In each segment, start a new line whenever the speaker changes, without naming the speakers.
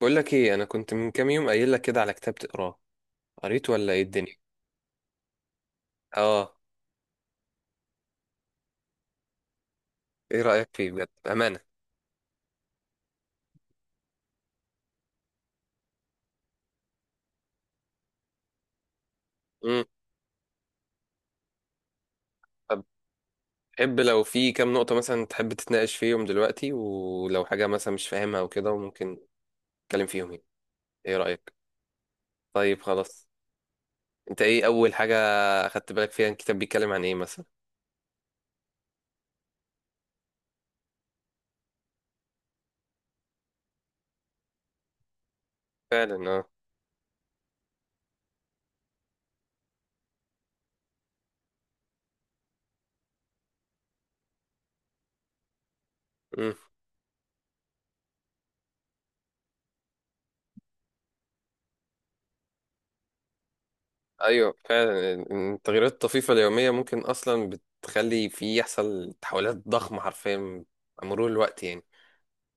بقول لك ايه، انا كنت من كام يوم قايل لك كده على كتاب تقراه. قريته ولا ايه الدنيا؟ اه. ايه رأيك فيه بجد، امانة؟ امم. طب، تحب لو في كام نقطة مثلا تحب تتناقش فيهم دلوقتي، ولو حاجة مثلا مش فاهمها وكده، وممكن نتكلم فيهم يعني؟ ايه رأيك؟ طيب، خلاص. انت ايه اول حاجة اخدت بالك فيها؟ الكتاب بيتكلم عن ايه مثلا؟ فعلا، اه. امم. ايوه، فعلا التغييرات الطفيفة اليومية ممكن اصلا بتخلي في يحصل تحولات ضخمة حرفيا مع مرور الوقت يعني.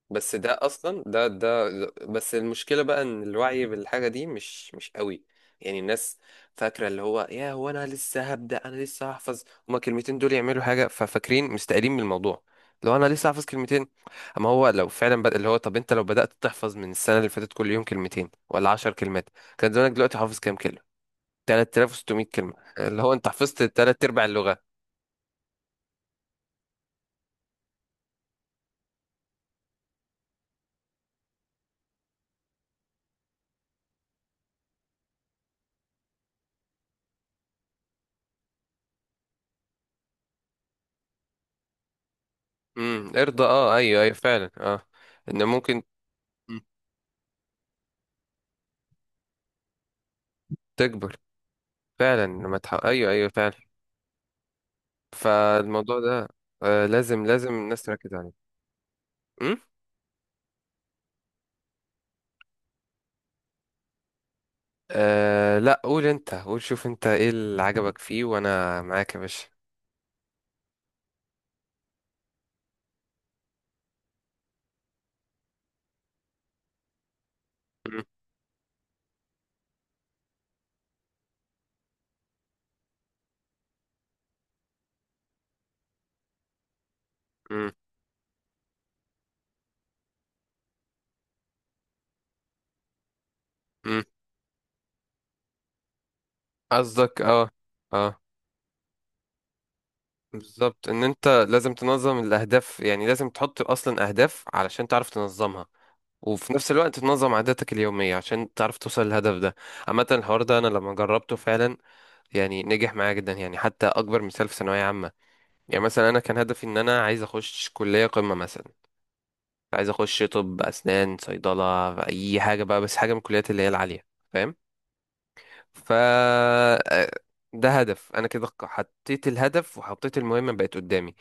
بس ده اصلا ده. بس المشكله بقى ان الوعي بالحاجه دي مش قوي. يعني الناس فاكره اللي هو يا هو انا لسه هبدا، انا لسه هحفظ. هما الكلمتين دول يعملوا حاجه، ففاكرين مستقلين من الموضوع. لو انا لسه هحفظ كلمتين. اما هو لو فعلا اللي هو، طب انت لو بدات تحفظ من السنه اللي فاتت كل يوم كلمتين ولا 10 كلمات، كان زمانك دلوقتي حافظ كام كلمه؟ 3600 كلمه. اللي هو انت حفظت تلات ارباع اللغه. امم، ارضى، اه، ايوه، ايوه، فعلا، اه. ان ممكن. مم. تكبر. فعلا لما ايوه، ايوه، فعلا. فالموضوع ده لازم الناس تركز عليه. امم. آه، لا، قول انت، قول شوف انت ايه اللي عجبك فيه، وانا معاك يا باشا. أم. أم. أم. قصدك، اه. اه. بالظبط، ان انت لازم تنظم الاهداف، يعني لازم تحط اصلا اهداف علشان تعرف تنظمها. وفي نفس الوقت تنظم عاداتك اليومية عشان تعرف توصل للهدف ده. عامة، الحوار ده انا لما جربته فعلا، يعني نجح معايا جدا، يعني حتى اكبر مثال في ثانوية عامة. يعني مثلا انا كان هدفي ان انا عايز اخش كليه قمه مثلا. عايز اخش طب، اسنان، صيدله، اي حاجه بقى، بس حاجه من الكليات اللي هي العاليه، فاهم؟ ف ده هدف. انا كده حطيت الهدف، وحطيت المهمه بقت قدامي.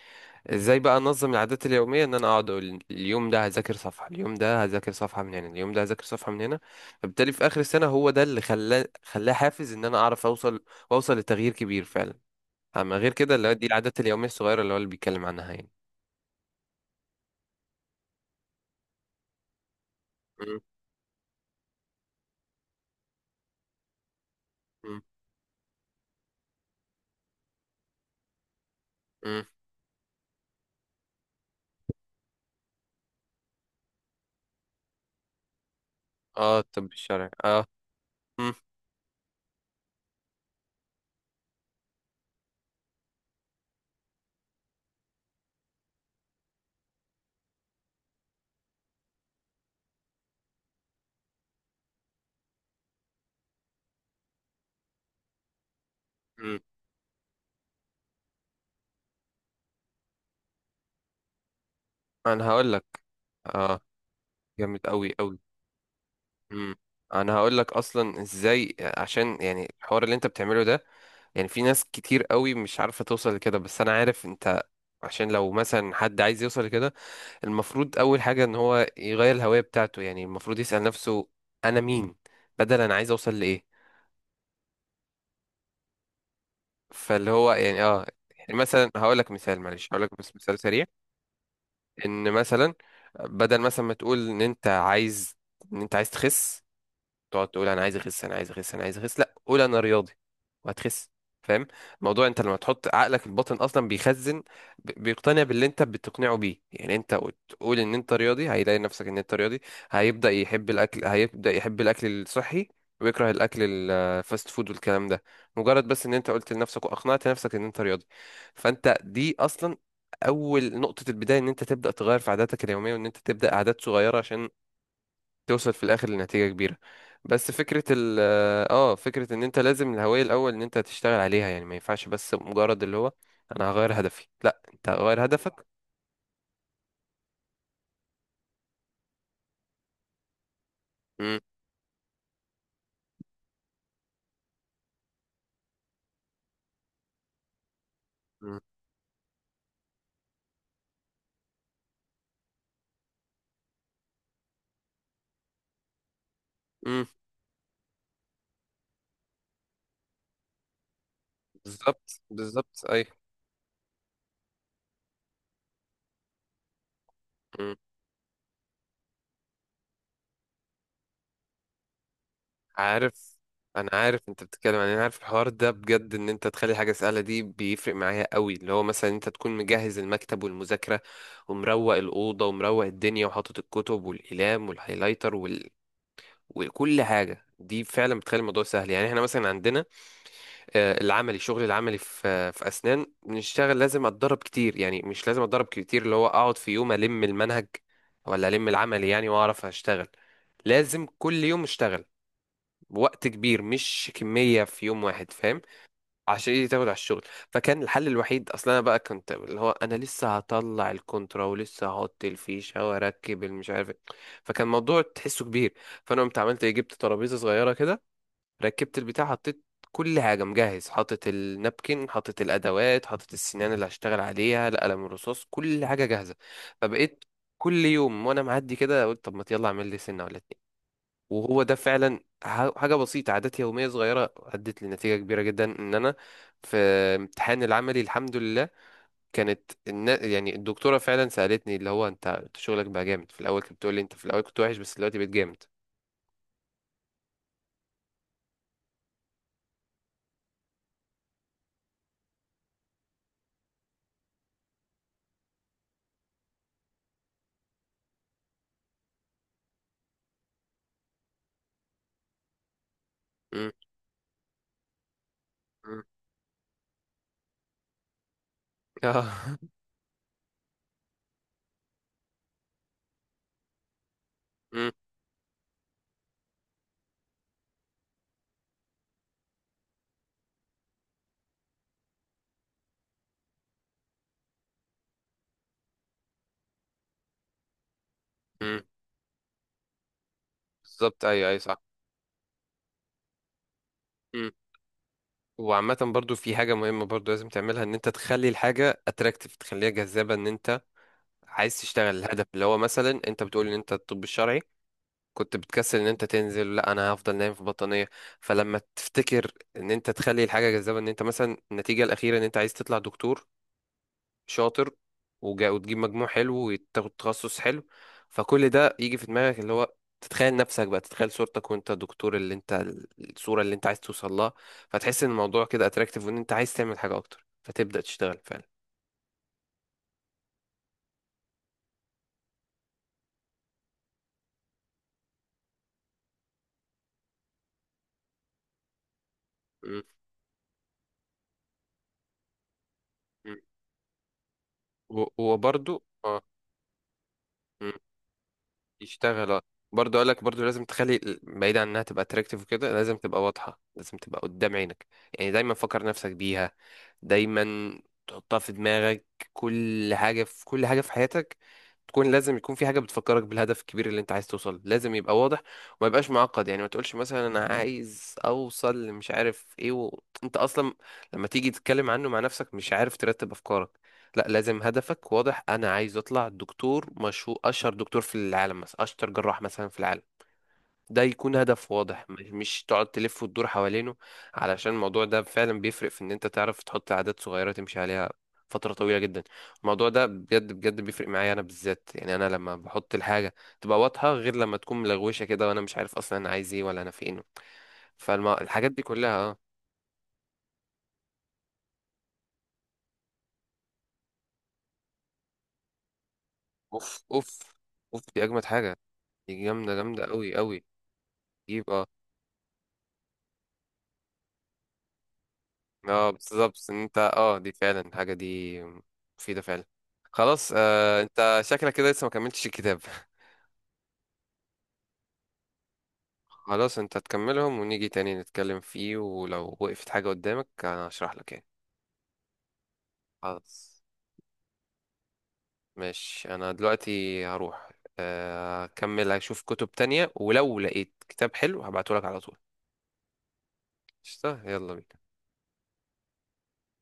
ازاي بقى انظم العادات اليوميه؟ ان انا اقعد اقول: اليوم ده هذاكر صفحه، اليوم ده هذاكر صفحه من هنا، اليوم ده هذاكر صفحه من هنا. فبالتالي في اخر السنه هو ده اللي خلاه حافز ان انا اعرف اوصل. واوصل لتغيير كبير فعلا. اما غير كده، اللي هو دي العادات اليوميه الصغيره اللي هو اللي بيتكلم عنها يعني. م- م. مم. اه، الطب الشرعي، اه. مم. مم. انا هقول لك، اه. جامد قوي قوي. مم. انا هقول لك اصلا ازاي، عشان يعني الحوار اللي انت بتعمله ده. يعني في ناس كتير قوي مش عارفه توصل لكده، بس انا عارف انت. عشان لو مثلا حد عايز يوصل لكده، المفروض اول حاجه ان هو يغير الهويه بتاعته، يعني المفروض يسال نفسه: انا مين؟ بدل انا عايز اوصل لايه. فاللي هو يعني مثلا هقول لك مثال، معلش هقول لك بس مثال سريع. ان مثلا، بدل مثلا ما تقول ان انت عايز تخس، تقعد تقول: انا عايز اخس، انا عايز اخس، انا عايز اخس. لا، قول: انا رياضي، وهتخس. فاهم الموضوع؟ انت لما تحط عقلك الباطن اصلا بيخزن، بيقتنع باللي انت بتقنعه بيه، يعني انت تقول ان انت رياضي، هيلاقي نفسك ان انت رياضي. هيبدأ يحب الاكل الصحي، ويكره الاكل الفاست فود والكلام ده. مجرد بس ان انت قلت لنفسك واقنعت نفسك ان انت رياضي، فانت دي اصلا اول نقطة البداية، ان انت تبدأ تغير في عاداتك اليومية، وان انت تبدأ عادات صغيرة عشان توصل في الاخر لنتيجة كبيرة. بس فكرة ال اه فكرة ان انت لازم الهوية الاول ان انت تشتغل عليها. يعني ما ينفعش بس مجرد اللي هو انا هغير هدفي، لا، انت هغير هدفك. امم. امم. بالظبط، بالظبط، اي. مم. عارف انا عارف انت بتتكلم عن إيه. انا عارف الحوار ده، بجد ان انت تخلي حاجة سهلة دي بيفرق معايا قوي، اللي هو مثلا انت تكون مجهز المكتب والمذاكرة، ومروق الأوضة، ومروق الدنيا، وحاطط الكتب والأقلام والهايلايتر، وكل حاجه دي فعلا بتخلي الموضوع سهل يعني. احنا مثلا عندنا الشغل العملي في اسنان بنشتغل. لازم اتدرب كتير، يعني مش لازم اتدرب كتير اللي هو اقعد في يوم المنهج ولا العملي يعني واعرف اشتغل. لازم كل يوم اشتغل بوقت كبير، مش كمية في يوم واحد، فاهم؟ عشان ايدي تاخد على الشغل. فكان الحل الوحيد اصلا، انا بقى كنت اللي هو انا لسه هطلع الكونترا ولسه هحط الفيشة واركب المش عارف إيه. فكان الموضوع تحسه كبير. فانا قمت عملت ايه؟ جبت ترابيزة صغيرة كده، ركبت البتاع، حطيت كل حاجة مجهز، حاطط النابكن، حاطط الأدوات، حاطط السنان اللي هشتغل عليها، القلم الرصاص، كل حاجة جاهزة. فبقيت كل يوم وأنا معدي كده، قلت: طب ما يلا أعمل لي سنة ولا اتنين. وهو ده فعلا حاجة بسيطة، عادات يومية صغيرة أدت لنتيجة كبيرة جدا، إن أنا في امتحان العملي الحمد لله، كانت يعني الدكتورة فعلا سألتني اللي هو أنت شغلك بقى جامد. في الأول كانت بتقول لي: أنت في الأول كنت وحش، بس دلوقتي بقيت جامد. م- م- آه. م- م. بالظبط، ايوه، ايوه، صح. مم. وعامة برضو في حاجة مهمة برضو لازم تعملها، ان انت تخلي الحاجة اتراكتيف، تخليها جذابة. ان انت عايز تشتغل الهدف اللي هو مثلا انت بتقول ان انت الطب الشرعي، كنت بتكسل ان انت تنزل، لا انا هفضل نايم في بطانية. فلما تفتكر ان انت تخلي الحاجة جذابة، ان انت مثلا النتيجة الأخيرة ان انت عايز تطلع دكتور شاطر، وتجيب مجموع حلو وتاخد تخصص حلو. فكل ده يجي في دماغك، اللي هو تتخيل نفسك بقى، تتخيل صورتك وانت دكتور، اللي انت الصورة اللي انت عايز توصل لها. فتحس ان الموضوع كده اتراكتيف، وان انت عايز تعمل حاجة اكتر، فتبدأ تشتغل فعلا. م- م. وبرضو، اه. إمم. يشتغل، اه. برضه اقول لك، برضه لازم تخلي بعيد عن انها تبقى اتراكتيف وكده، لازم تبقى واضحه، لازم تبقى قدام عينك. يعني دايما فكر نفسك بيها، دايما تحطها في دماغك. كل حاجه في حياتك تكون لازم، يكون في حاجه بتفكرك بالهدف الكبير اللي انت عايز توصل، لازم يبقى واضح. وما يبقاش معقد، يعني ما تقولش مثلا انا عايز اوصل مش عارف ايه انت اصلا لما تيجي تتكلم عنه مع نفسك مش عارف ترتب افكارك. لا، لازم هدفك واضح: انا عايز اطلع دكتور مشهور، اشهر دكتور في العالم مثلا، اشطر جراح مثلا في العالم. ده يكون هدف واضح، مش تقعد تلف وتدور حوالينه. علشان الموضوع ده فعلا بيفرق في ان انت تعرف تحط عادات صغيرة تمشي عليها فترة طويلة جدا. الموضوع ده بجد بجد بيفرق معايا انا بالذات، يعني انا لما بحط الحاجة تبقى واضحة، غير لما تكون ملغوشة كده وانا مش عارف اصلا انا عايز ايه ولا انا فين. فالحاجات دي كلها، اه. اوف، اوف. اوف دي اجمد حاجة. دي جامدة جامدة قوي قوي. اه، بالظبط ان انت دي فعلا الحاجة دي مفيدة فعلا. خلاص، انت شكلك كده لسه ما كملتش الكتاب. خلاص، انت تكملهم ونيجي تاني نتكلم فيه، ولو وقفت حاجة قدامك انا هشرح لك يعني. خلاص، ماشي، انا دلوقتي هروح. اكمل اشوف كتب تانية ولو لقيت كتاب حلو هبعته لك على طول. قشطة، يلا بينا.